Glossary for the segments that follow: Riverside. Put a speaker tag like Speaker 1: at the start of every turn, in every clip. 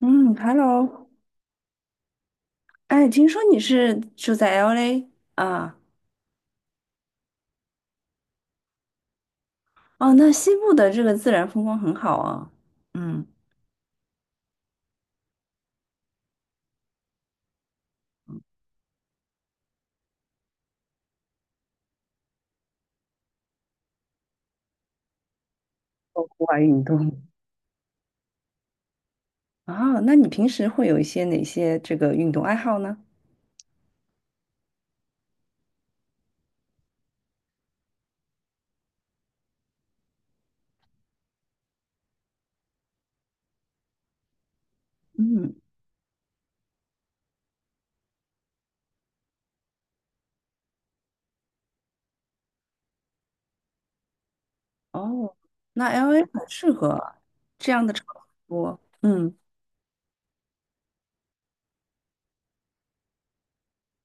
Speaker 1: 嗯，Hello，哎，听说你是住在 LA 啊？哦，那西部的这个自然风光很好啊。嗯，做户外运动。啊，那你平时会有一些哪些这个运动爱好呢？嗯，哦，那 LA 很适合这样的场所。嗯，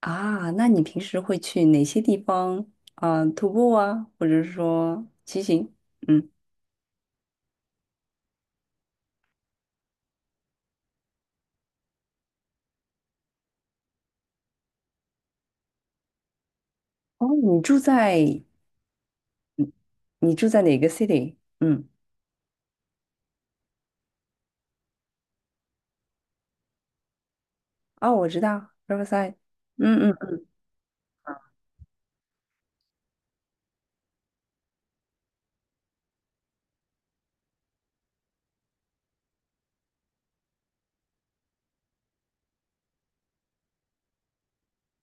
Speaker 1: 啊，那你平时会去哪些地方啊，徒步啊，或者是说骑行？嗯，哦，你住在哪个 city？嗯。哦，我知道，Riverside，嗯嗯，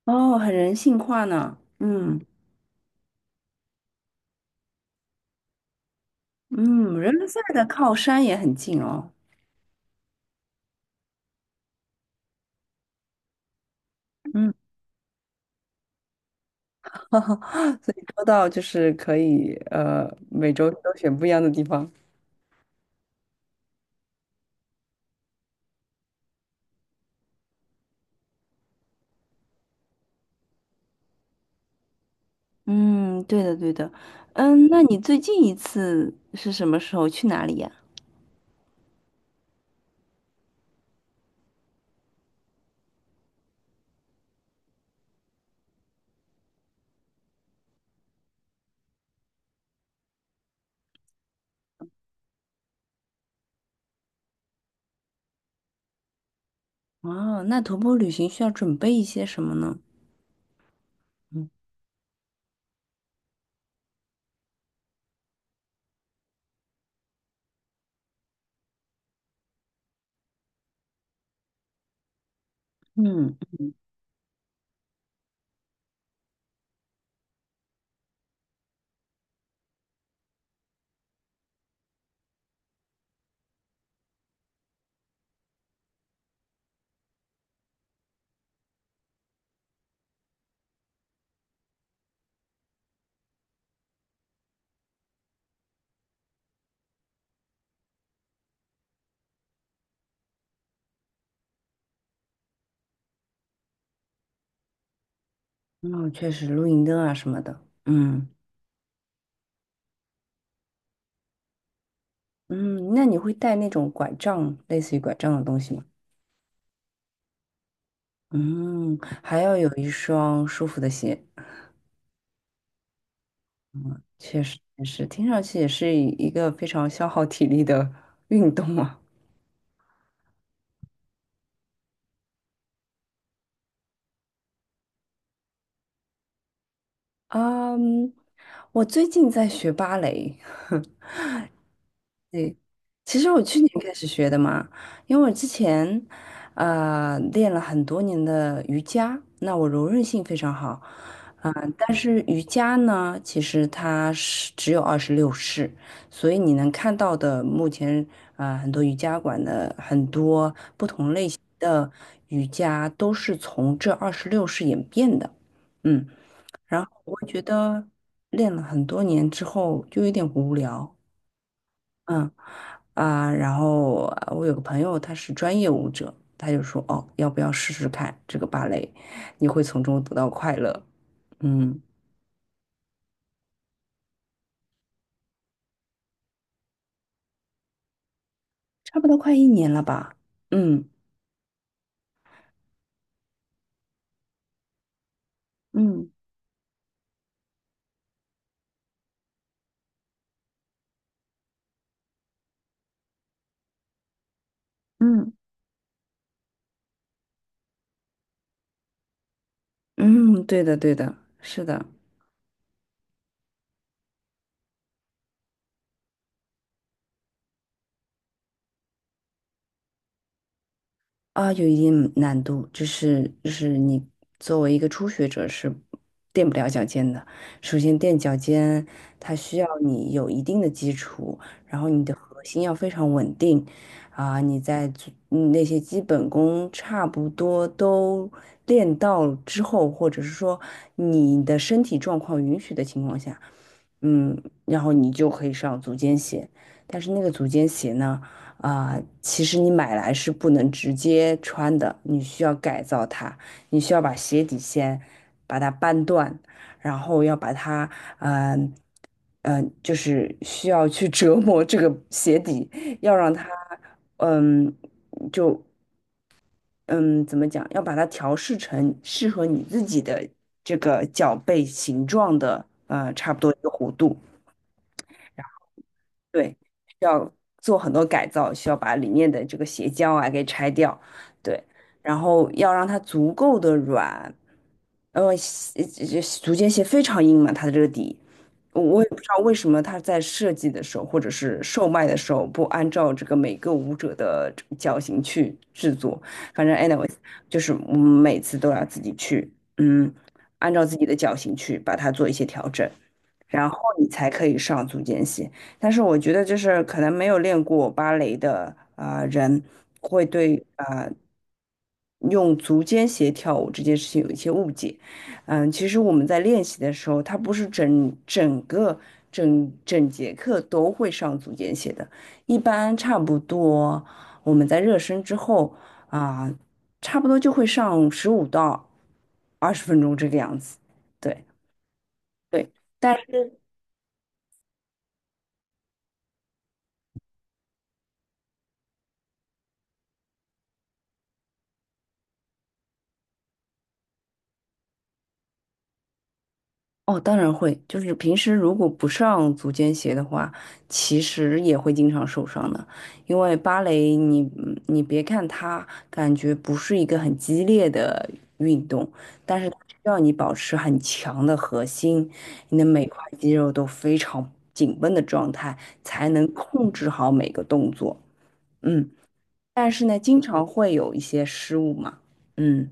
Speaker 1: 哦，很人性化呢，嗯嗯，Riverside 的靠山也很近哦，嗯，所以说到就是可以每周都选不一样的地方。嗯，对的对的，嗯，那你最近一次是什么时候去哪里呀？哦，那徒步旅行需要准备一些什么呢？嗯嗯，哦，确实露营灯啊什么的，嗯嗯，那你会带那种拐杖，类似于拐杖的东西吗？嗯，还要有一双舒服的鞋，确实也是，听上去也是一个非常消耗体力的运动啊。嗯，我最近在学芭蕾，其实我去年开始学的嘛，因为我之前，练了很多年的瑜伽，那我柔韧性非常好，啊、但是瑜伽呢，其实它是只有二十六式，所以你能看到的目前，很多瑜伽馆的很多不同类型的瑜伽都是从这二十六式演变的，嗯，然后我觉得练了很多年之后就有点无聊。嗯啊，然后我有个朋友，他是专业舞者，他就说：“哦，要不要试试看这个芭蕾？你会从中得到快乐。”嗯，差不多快一年了吧？嗯嗯嗯嗯，对的对的，是的。啊，有一定难度，就是你作为一个初学者是垫不了脚尖的。首先垫脚尖，它需要你有一定的基础，然后你的核心要非常稳定，啊，你在做那些基本功差不多都练到之后，或者是说你的身体状况允许的情况下，嗯，然后你就可以上足尖鞋。但是那个足尖鞋呢？啊、其实你买来是不能直接穿的，你需要改造它，你需要把鞋底先把它扳断，然后要把它，嗯、嗯，就是需要去折磨这个鞋底，要让它，嗯，就嗯，怎么讲，要把它调试成适合你自己的这个脚背形状的，呃，差不多一个弧度。对，需要做很多改造，需要把里面的这个鞋胶啊给拆掉，对，然后要让它足够的软，鞋这足尖鞋非常硬嘛，它的这个底，我也不知道为什么它在设计的时候或者是售卖的时候不按照这个每个舞者的这个脚型去制作，反正 anyways，就是我们每次都要自己去，嗯，按照自己的脚型去把它做一些调整，然后你才可以上足尖鞋。但是我觉得就是可能没有练过芭蕾的啊、人会对啊、用足尖鞋跳舞这件事情有一些误解。嗯，其实我们在练习的时候，它不是整整节课都会上足尖鞋的，一般差不多我们在热身之后啊、差不多就会上15到20分钟这个样子。对对。哦，当然会，就是平时如果不上足尖鞋的话，其实也会经常受伤的。因为芭蕾你，你别看它感觉不是一个很激烈的运动，但是它需要你保持很强的核心，你的每块肌肉都非常紧绷的状态，才能控制好每个动作。嗯，但是呢，经常会有一些失误嘛，嗯，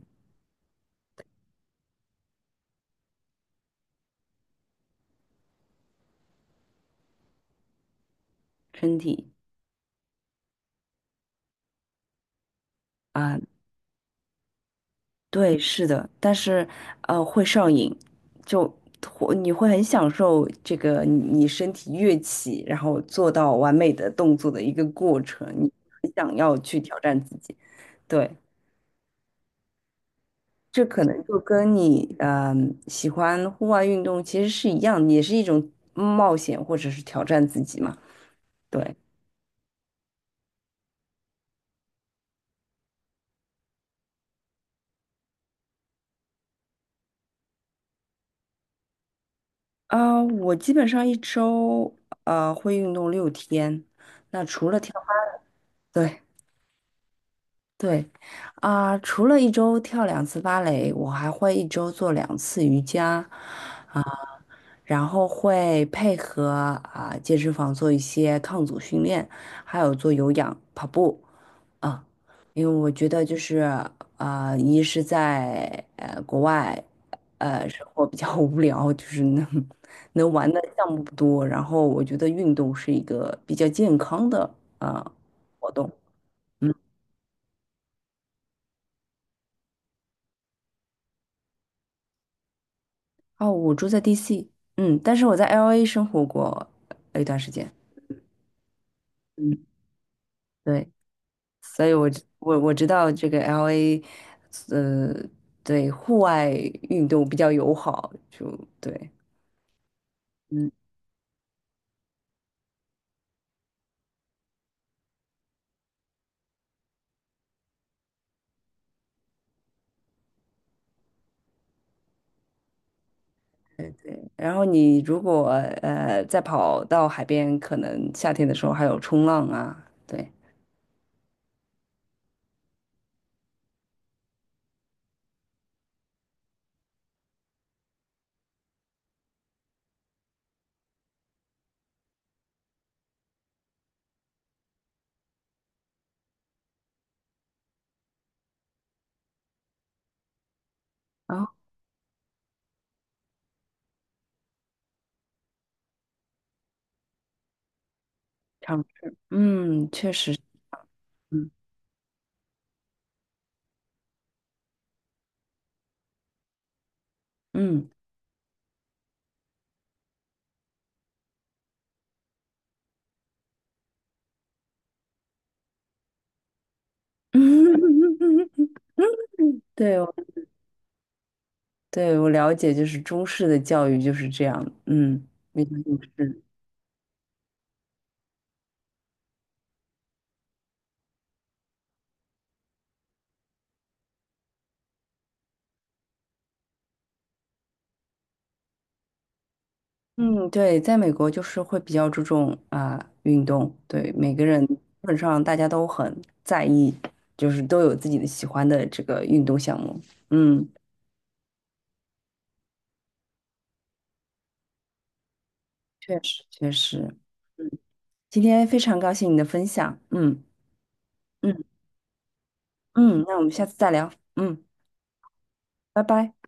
Speaker 1: 身体。啊。对，是的，但是会上瘾，就会你会很享受这个你身体跃起，然后做到完美的动作的一个过程，你很想要去挑战自己。对，这可能就跟你嗯、喜欢户外运动其实是一样，也是一种冒险或者是挑战自己嘛。对啊、我基本上一周会运动6天，那除了跳，对。对，啊、除了一周跳两次芭蕾，我还会一周做两次瑜伽，啊、然后会配合啊、健身房做一些抗阻训练，还有做有氧、跑步啊、因为我觉得就是啊、一是在国外，生活比较无聊，就是能玩的项目不多，然后我觉得运动是一个比较健康的啊、活动。嗯。哦，我住在 DC，嗯，但是我在 LA 生活过一段时间，嗯，对，所以我知道这个 LA，呃，对，户外运动比较友好，就对，嗯，对对。然后你如果再跑到海边，可能夏天的时候还有冲浪啊，对，啊，尝试，嗯，确实，嗯嗯。嗯对，对，我了解，就是中式的教育就是这样，嗯，比较应试。嗯，对，在美国就是会比较注重啊、运动，对，每个人基本上大家都很在意，就是都有自己的喜欢的这个运动项目。嗯，确实确实，嗯，今天非常高兴你的分享，嗯嗯嗯，那我们下次再聊，嗯，拜拜。